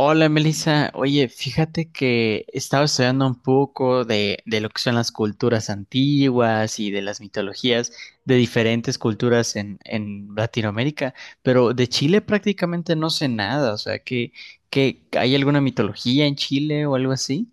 Hola Melissa, oye, fíjate que estaba estudiando un poco de lo que son las culturas antiguas y de las mitologías de diferentes culturas en Latinoamérica, pero de Chile prácticamente no sé nada, o sea, que, ¿hay alguna mitología en Chile o algo así?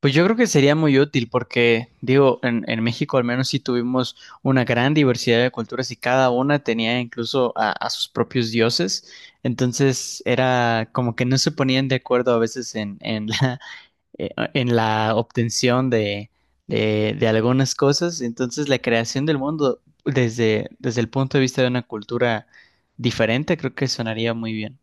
Pues yo creo que sería muy útil porque, digo, en México al menos sí tuvimos una gran diversidad de culturas y cada una tenía incluso a sus propios dioses. Entonces era como que no se ponían de acuerdo a veces en la, eh, en la obtención de algunas cosas. Entonces la creación del mundo desde el punto de vista de una cultura diferente creo que sonaría muy bien.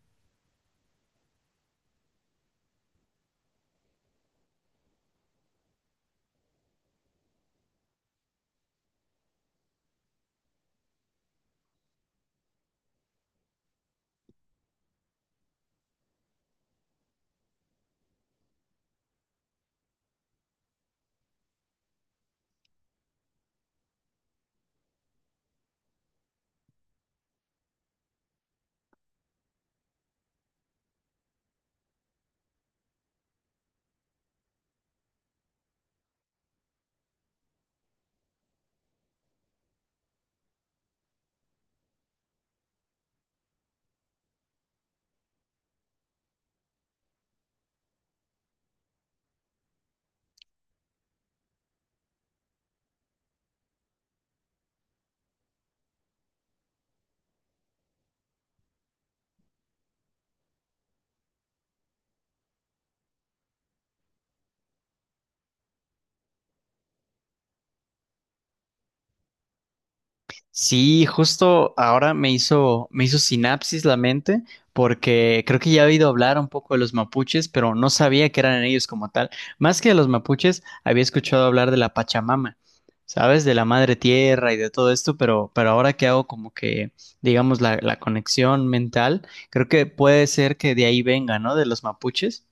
Sí, justo ahora me hizo sinapsis la mente porque creo que ya he oído hablar un poco de los mapuches, pero no sabía que eran ellos como tal. Más que de los mapuches, había escuchado hablar de la Pachamama, ¿sabes? De la madre tierra y de todo esto, pero ahora que hago como que, digamos, la conexión mental, creo que puede ser que de ahí venga, ¿no? De los mapuches.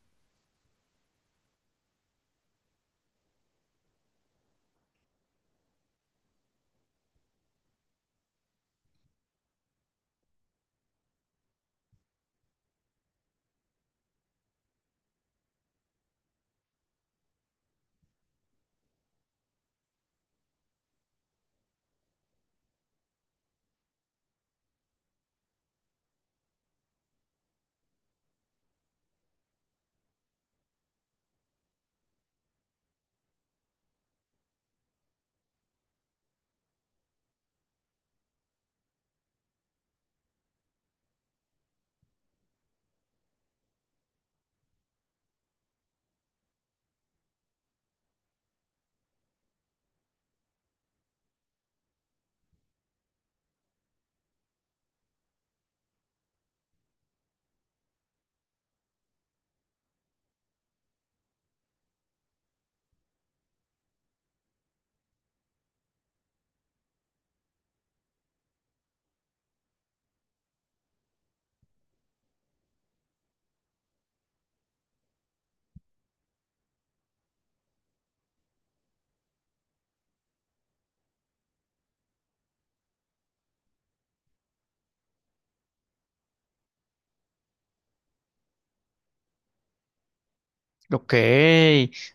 Ok,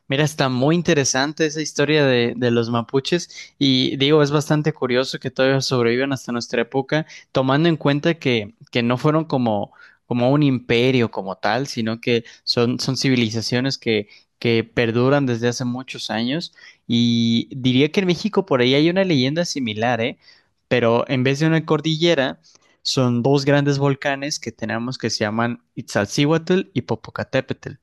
mira, está muy interesante esa historia de los mapuches y digo, es bastante curioso que todavía sobrevivan hasta nuestra época, tomando en cuenta que no fueron como, como un imperio como tal, sino que son, son civilizaciones que perduran desde hace muchos años y diría que en México por ahí hay una leyenda similar, ¿eh? Pero en vez de una cordillera, son dos grandes volcanes que tenemos que se llaman Itzalcíhuatl y Popocatépetl.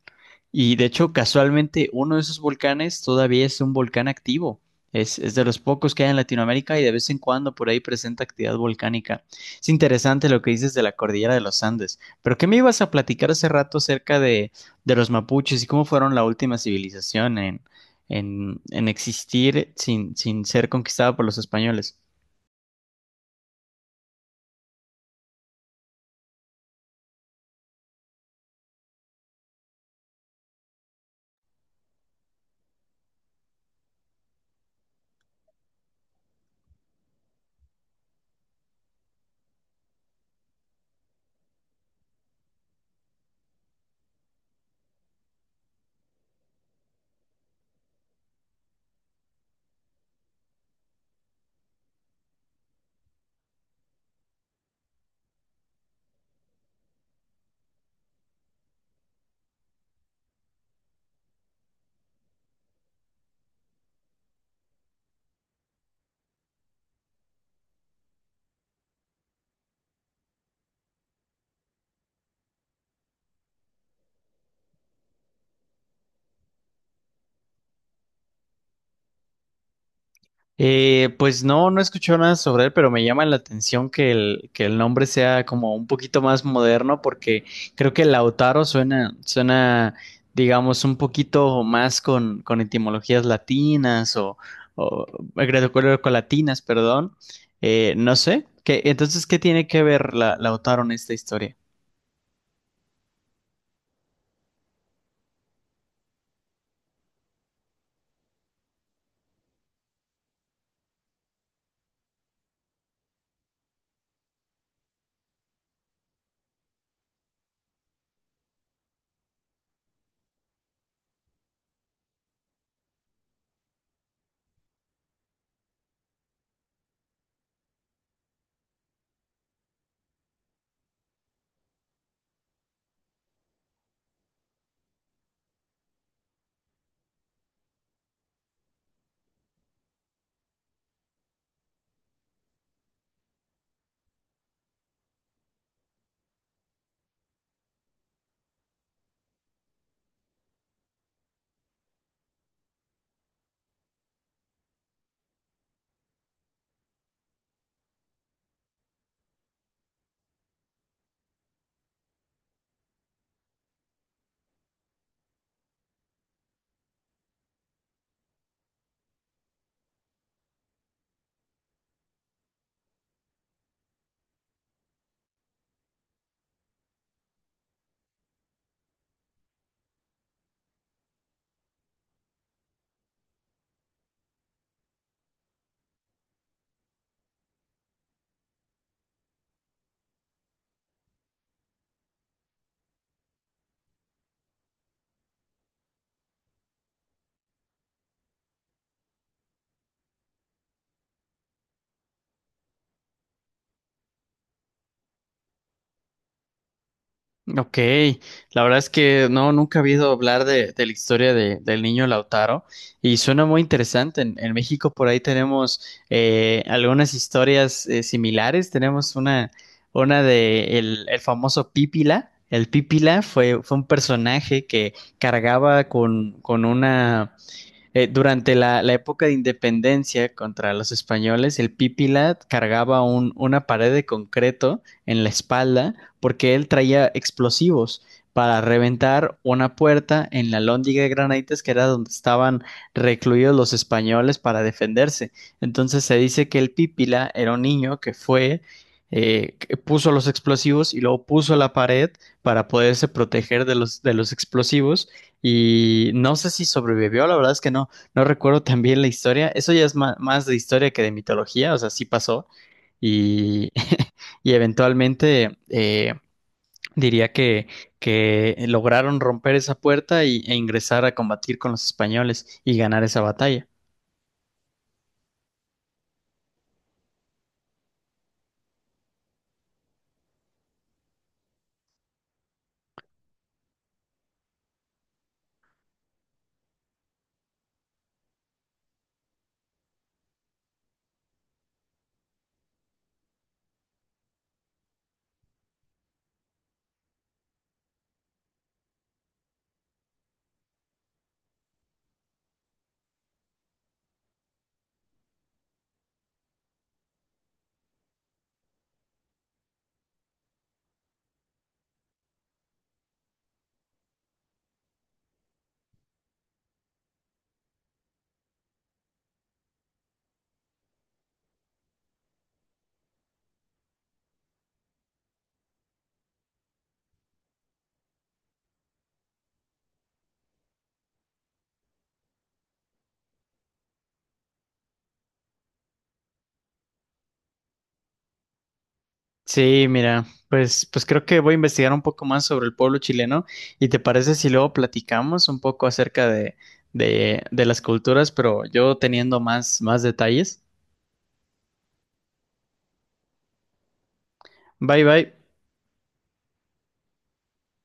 Y de hecho, casualmente, uno de esos volcanes todavía es un volcán activo. Es de los pocos que hay en Latinoamérica y de vez en cuando por ahí presenta actividad volcánica. Es interesante lo que dices de la cordillera de los Andes. Pero ¿qué me ibas a platicar hace rato acerca de los mapuches y cómo fueron la última civilización en, en existir sin, sin ser conquistada por los españoles? Pues no, no he escuchado nada sobre él, pero me llama la atención que el nombre sea como un poquito más moderno, porque creo que Lautaro suena, suena, digamos, un poquito más con etimologías latinas o greco-latinas, perdón. No sé. ¿Qué tiene que ver la, Lautaro en esta historia? Ok, la verdad es que no, nunca había oído hablar de la historia de- del niño Lautaro y suena muy interesante. En México por ahí tenemos algunas historias similares. Tenemos una de el famoso Pípila. El Pípila fue, fue un personaje que cargaba con una durante la, la época de independencia contra los españoles, el Pípila cargaba un, una pared de concreto en la espalda porque él traía explosivos para reventar una puerta en la lóndiga de Granaditas, que era donde estaban recluidos los españoles para defenderse. Entonces se dice que el Pípila era un niño que fue, que puso los explosivos y luego puso la pared para poderse proteger de los explosivos y no sé si sobrevivió, la verdad es que no, no recuerdo tan bien la historia. Eso ya es ma- más de historia que de mitología, o sea, sí pasó. Y, y eventualmente diría que lograron romper esa puerta y, e ingresar a combatir con los españoles y ganar esa batalla. Sí, mira, pues, pues creo que voy a investigar un poco más sobre el pueblo chileno. ¿Y te parece si luego platicamos un poco acerca de las culturas, pero yo teniendo más, más detalles? Bye bye.